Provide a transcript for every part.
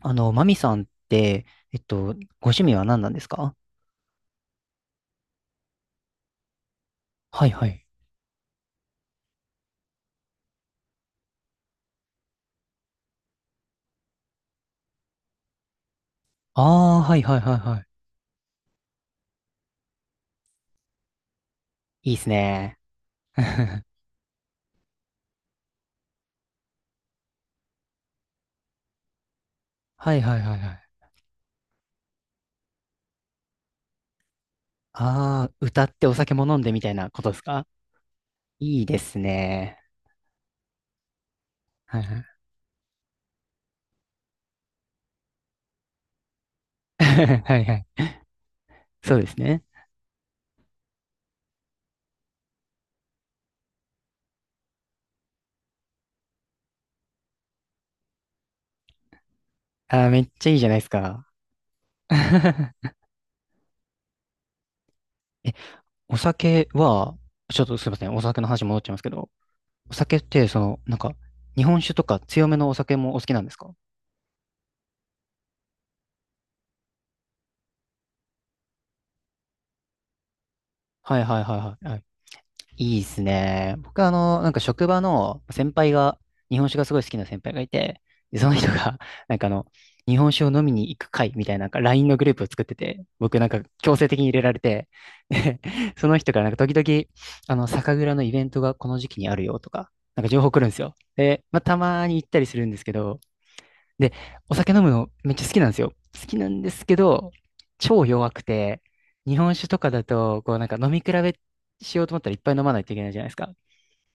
マミさんって、ご趣味は何なんですか？はいはい。ああ、はいはいはいはい。いいっすね。はいはいはいはい。ああ、歌ってお酒も飲んでみたいなことですか？いいですね。はいはい。はいはい。そうですね。あー、めっちゃいいじゃないですか。え、お酒は、ちょっとすいません、お酒の話戻っちゃいますけど、お酒って、その、なんか、日本酒とか強めのお酒もお好きなんですか？はいはいはいはい。いいっすね。僕はなんか職場の先輩が、日本酒がすごい好きな先輩がいて、で、その人が、なんか日本酒を飲みに行く会みたいな、なんか LINE のグループを作ってて、僕なんか強制的に入れられて、で、その人からなんか時々、酒蔵のイベントがこの時期にあるよとか、なんか情報来るんですよ。で、まあ、たまに行ったりするんですけど、で、お酒飲むのめっちゃ好きなんですよ。好きなんですけど、超弱くて、日本酒とかだと、こうなんか飲み比べしようと思ったらいっぱい飲まないといけないじゃないですか。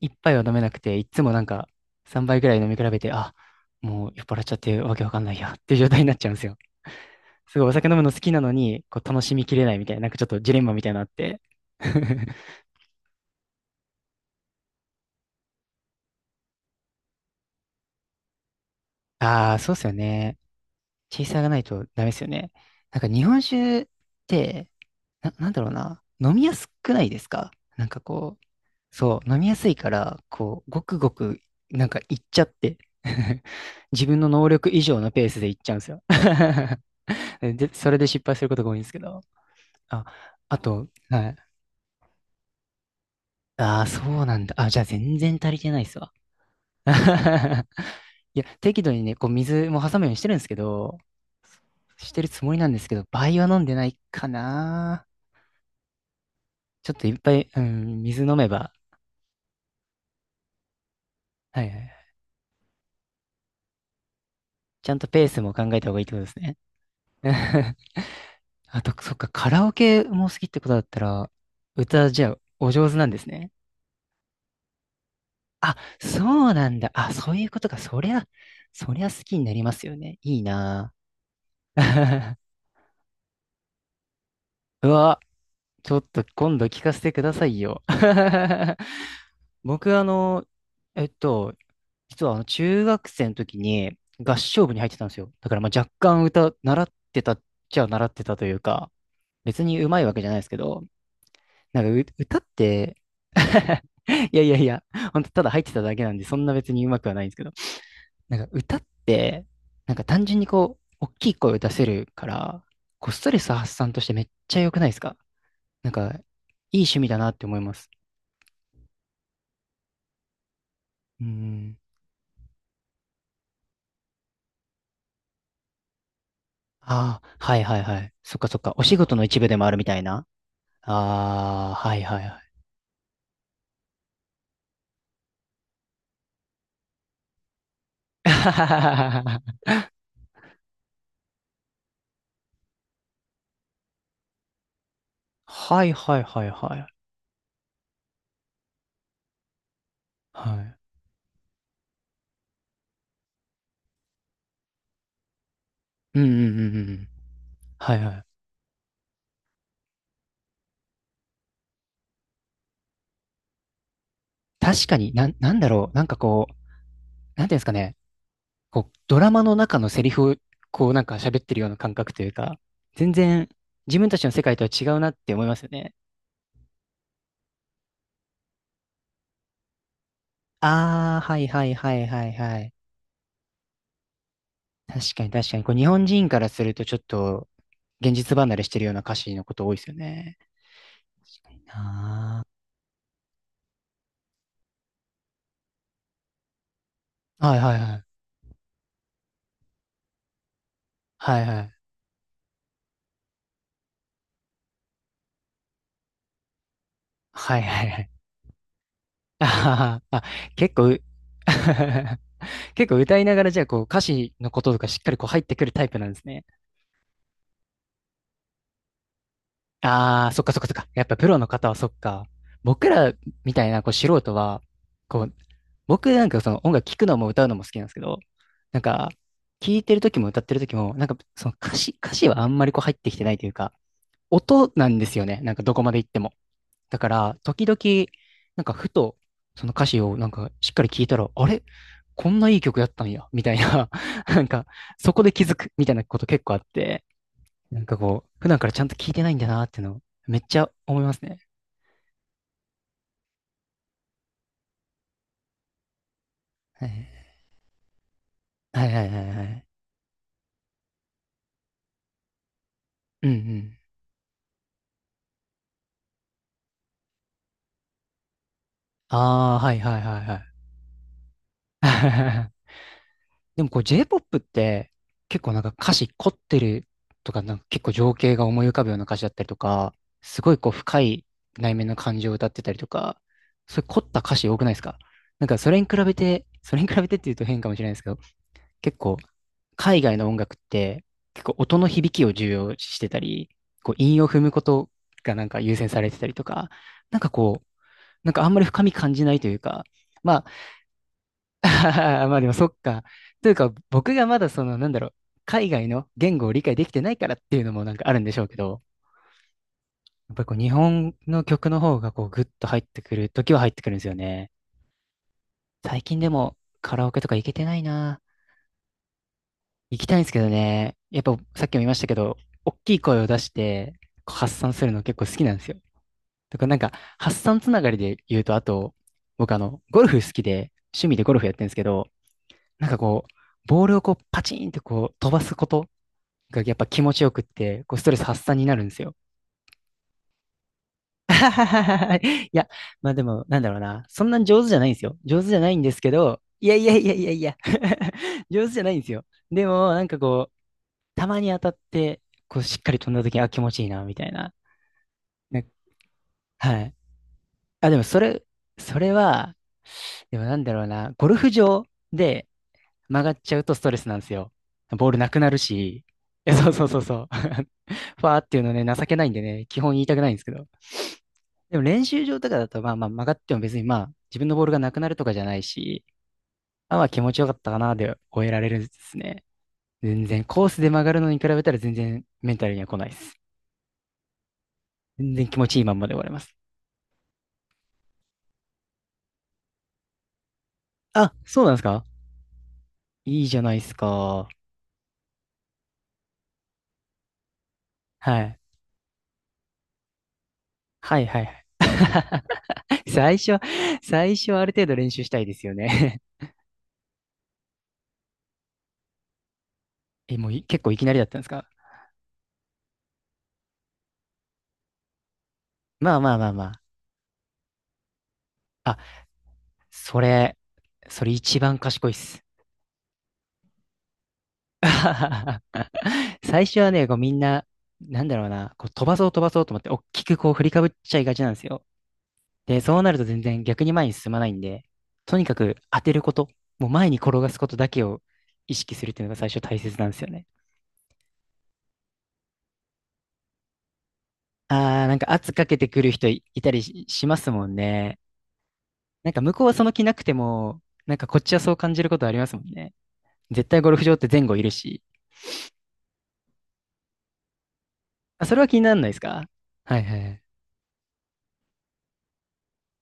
一杯は飲めなくて、いっつもなんか3杯ぐらい飲み比べて、あ、もう酔っ払っちゃってわけわかんないやっていう状態になっちゃうんですよ。すごいお酒飲むの好きなのに、こう楽しみきれないみたいな、なんかちょっとジレンマみたいなのあって。ああ、そうっすよね。チェイサーがないとダメですよね。なんか日本酒って、なんだろうな、飲みやすくないですか？なんかこう、そう、飲みやすいから、こう、ごくごく、なんかいっちゃって 自分の能力以上のペースでいっちゃうんですよ。 で、それで失敗することが多いんですけど。あ、あと、はい。ああ、そうなんだ。あ、じゃあ全然足りてないっすわ。いや、適度にね、こう水も挟むようにしてるんですけど、してるつもりなんですけど、倍は飲んでないかな。ちょっといっぱい、うん、水飲めば、はいはいはい。ちゃんとペースも考えた方がいいってことですね。あと、そっか、カラオケも好きってことだったら、歌、じゃあ、お上手なんですね。あ、そうなんだ。あ、そういうことか。そりゃ好きになりますよね。いいなぁ。うわ、ちょっと今度聞かせてくださいよ。僕、えっと、実はあの中学生の時に合唱部に入ってたんですよ。だからまあ若干歌、習ってたっちゃ習ってたというか、別に上手いわけじゃないですけど、なんか歌って いやいやいや、本当ただ入ってただけなんで、そんな別に上手くはないんですけど、なんか歌って、なんか単純にこう、大きい声を出せるから、こうストレス発散としてめっちゃ良くないですか？なんか、いい趣味だなって思います。うん。ああ、はいはいはい。そっかそっか。お仕事の一部でもあるみたいな。ああ、はいはいはい。はいはいはいはい。はい。うんうんうんうん。はいはい。確かに、なんだろう。なんかこう、なんていうんですかね。こう、ドラマの中のセリフを、こう、なんか喋ってるような感覚というか、全然、自分たちの世界とは違うなって思いますよね。ああ、はいはいはいはいはい。確かに確かに。こう、日本人からするとちょっと、現実離れしてるような歌詞のこと多いですよね。ああはい、はい、はい。はい、はい。はい、はい、はい。あははあ、結構う、結構歌いながらじゃあこう歌詞のこととかしっかりこう入ってくるタイプなんですね。ああ、そっかそっかそっか。やっぱプロの方はそっか。僕らみたいなこう素人は、こう、僕なんかその音楽聴くのも歌うのも好きなんですけど、なんか、聴いてる時も歌ってる時も、なんかその歌詞はあんまりこう入ってきてないというか、音なんですよね。なんかどこまで行っても。だから、時々、なんかふと、その歌詞をなんかしっかり聞いたら、あれこんないい曲やったんや、みたいな、なんか、そこで気づく、みたいなこと結構あって、なんかこう、普段からちゃんと聞いてないんだなっていうの、めっちゃ思いますね。はいはいはいはいはい。うんうん。ああ、はいはいはいはい。でもこう J-POP って結構なんか歌詞凝ってるとか、なんか結構情景が思い浮かぶような歌詞だったりとか、すごいこう深い内面の感情を歌ってたりとか、そういう凝った歌詞多くないですか？なんかそれに比べて、それに比べてっていうと変かもしれないですけど、結構海外の音楽って結構音の響きを重要視してたり、こう韻を踏むことがなんか優先されてたりとか、なんかこう、なんかあんまり深み感じないというか、ま まあでもそっか。というか、僕がまだなんだろう、海外の言語を理解できてないからっていうのもなんかあるんでしょうけど、やっぱりこう日本の曲の方がこうグッと入ってくる時は入ってくるんですよね。最近でもカラオケとか行けてないな。行きたいんですけどね。やっぱさっきも言いましたけど、大きい声を出してこう発散するの結構好きなんですよ。とかなんか発散つながりで言うと、あと、僕ゴルフ好きで、趣味でゴルフやってるんですけど、なんかこう、ボールをこうパチンってこう飛ばすことがやっぱ気持ちよくって、こうストレス発散になるんですよ。いや、まあでも、なんだろうな。そんなに上手じゃないんですよ。上手じゃないんですけど、いやいやいやいやいや 上手じゃないんですよ。でも、なんかこう、たまに当たって、こうしっかり飛んだ時、あ、気持ちいいな、みたいな。ねはい。あ、でもそれ、それは、でもなんだろうな。ゴルフ場で曲がっちゃうとストレスなんですよ。ボールなくなるし、え、そうそうそうそう。ファーっていうのね、情けないんでね、基本言いたくないんですけど。でも練習場とかだと、まあまあ曲がっても別にまあ自分のボールがなくなるとかじゃないし、まあまあ気持ちよかったかなで終えられるんですね。全然コースで曲がるのに比べたら全然メンタルには来ないです。全然気持ちいいまんまで終われます。あ、そうなんですか？いいじゃないですか。はい。はいはいはい。最初、最初はある程度練習したいですよね。 え、もう結構いきなりだったんですか？まあまあまあまあ。あ、それ、それ一番賢いっす。最初はね、こうみんな、なんだろうな、こう飛ばそう飛ばそうと思って、大きくこう振りかぶっちゃいがちなんですよ。で、そうなると全然逆に前に進まないんで、とにかく当てること、もう前に転がすことだけを意識するっていうのが最初大切なんですよね。あー、なんか圧かけてくる人いいたりししますもんね。なんか向こうはその気なくても、なんかこっちはそう感じることありますもんね。絶対ゴルフ場って前後いるし。あ、それは気にならないですか？はいはいはい。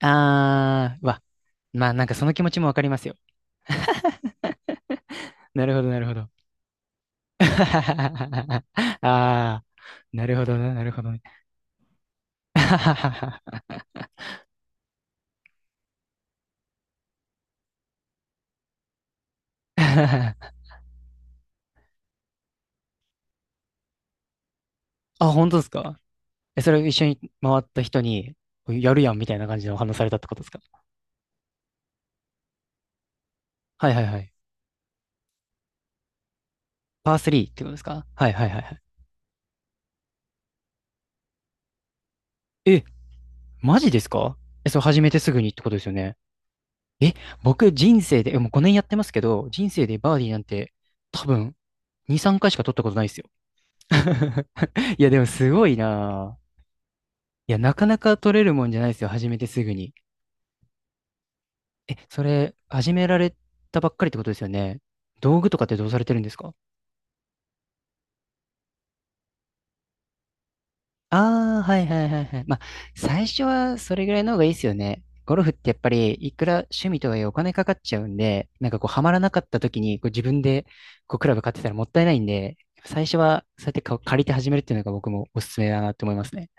あー、うわ。まあなんかその気持ちもわかりますよ。なるほど、なるほど。ああ、なるほどね、なるほどね。あ、本当ですか？え、それを一緒に回った人に、やるやんみたいな感じでお話しされたってことですか？はいはいはい。パー3ってことですか？はいはいはいはい。え、マジですか？え、それ始めてすぐにってことですよね。え、僕人生で、もう5年やってますけど、人生でバーディーなんて多分2、3回しか取ったことないですよ。 いや、でもすごいなあ。いや、なかなか取れるもんじゃないですよ。始めてすぐに。え、それ、始められたばっかりってことですよね。道具とかってどうされてるんですか？ああー、はいはいはいはい。まあ、最初はそれぐらいの方がいいですよね。ゴルフってやっぱり、いくら趣味とはいえお金かかっちゃうんで、なんかこう、ハマらなかった時に、こう自分で、こう、クラブ買ってたらもったいないんで、最初は、そうやってか借りて始めるっていうのが僕もおすすめだなって思いますね。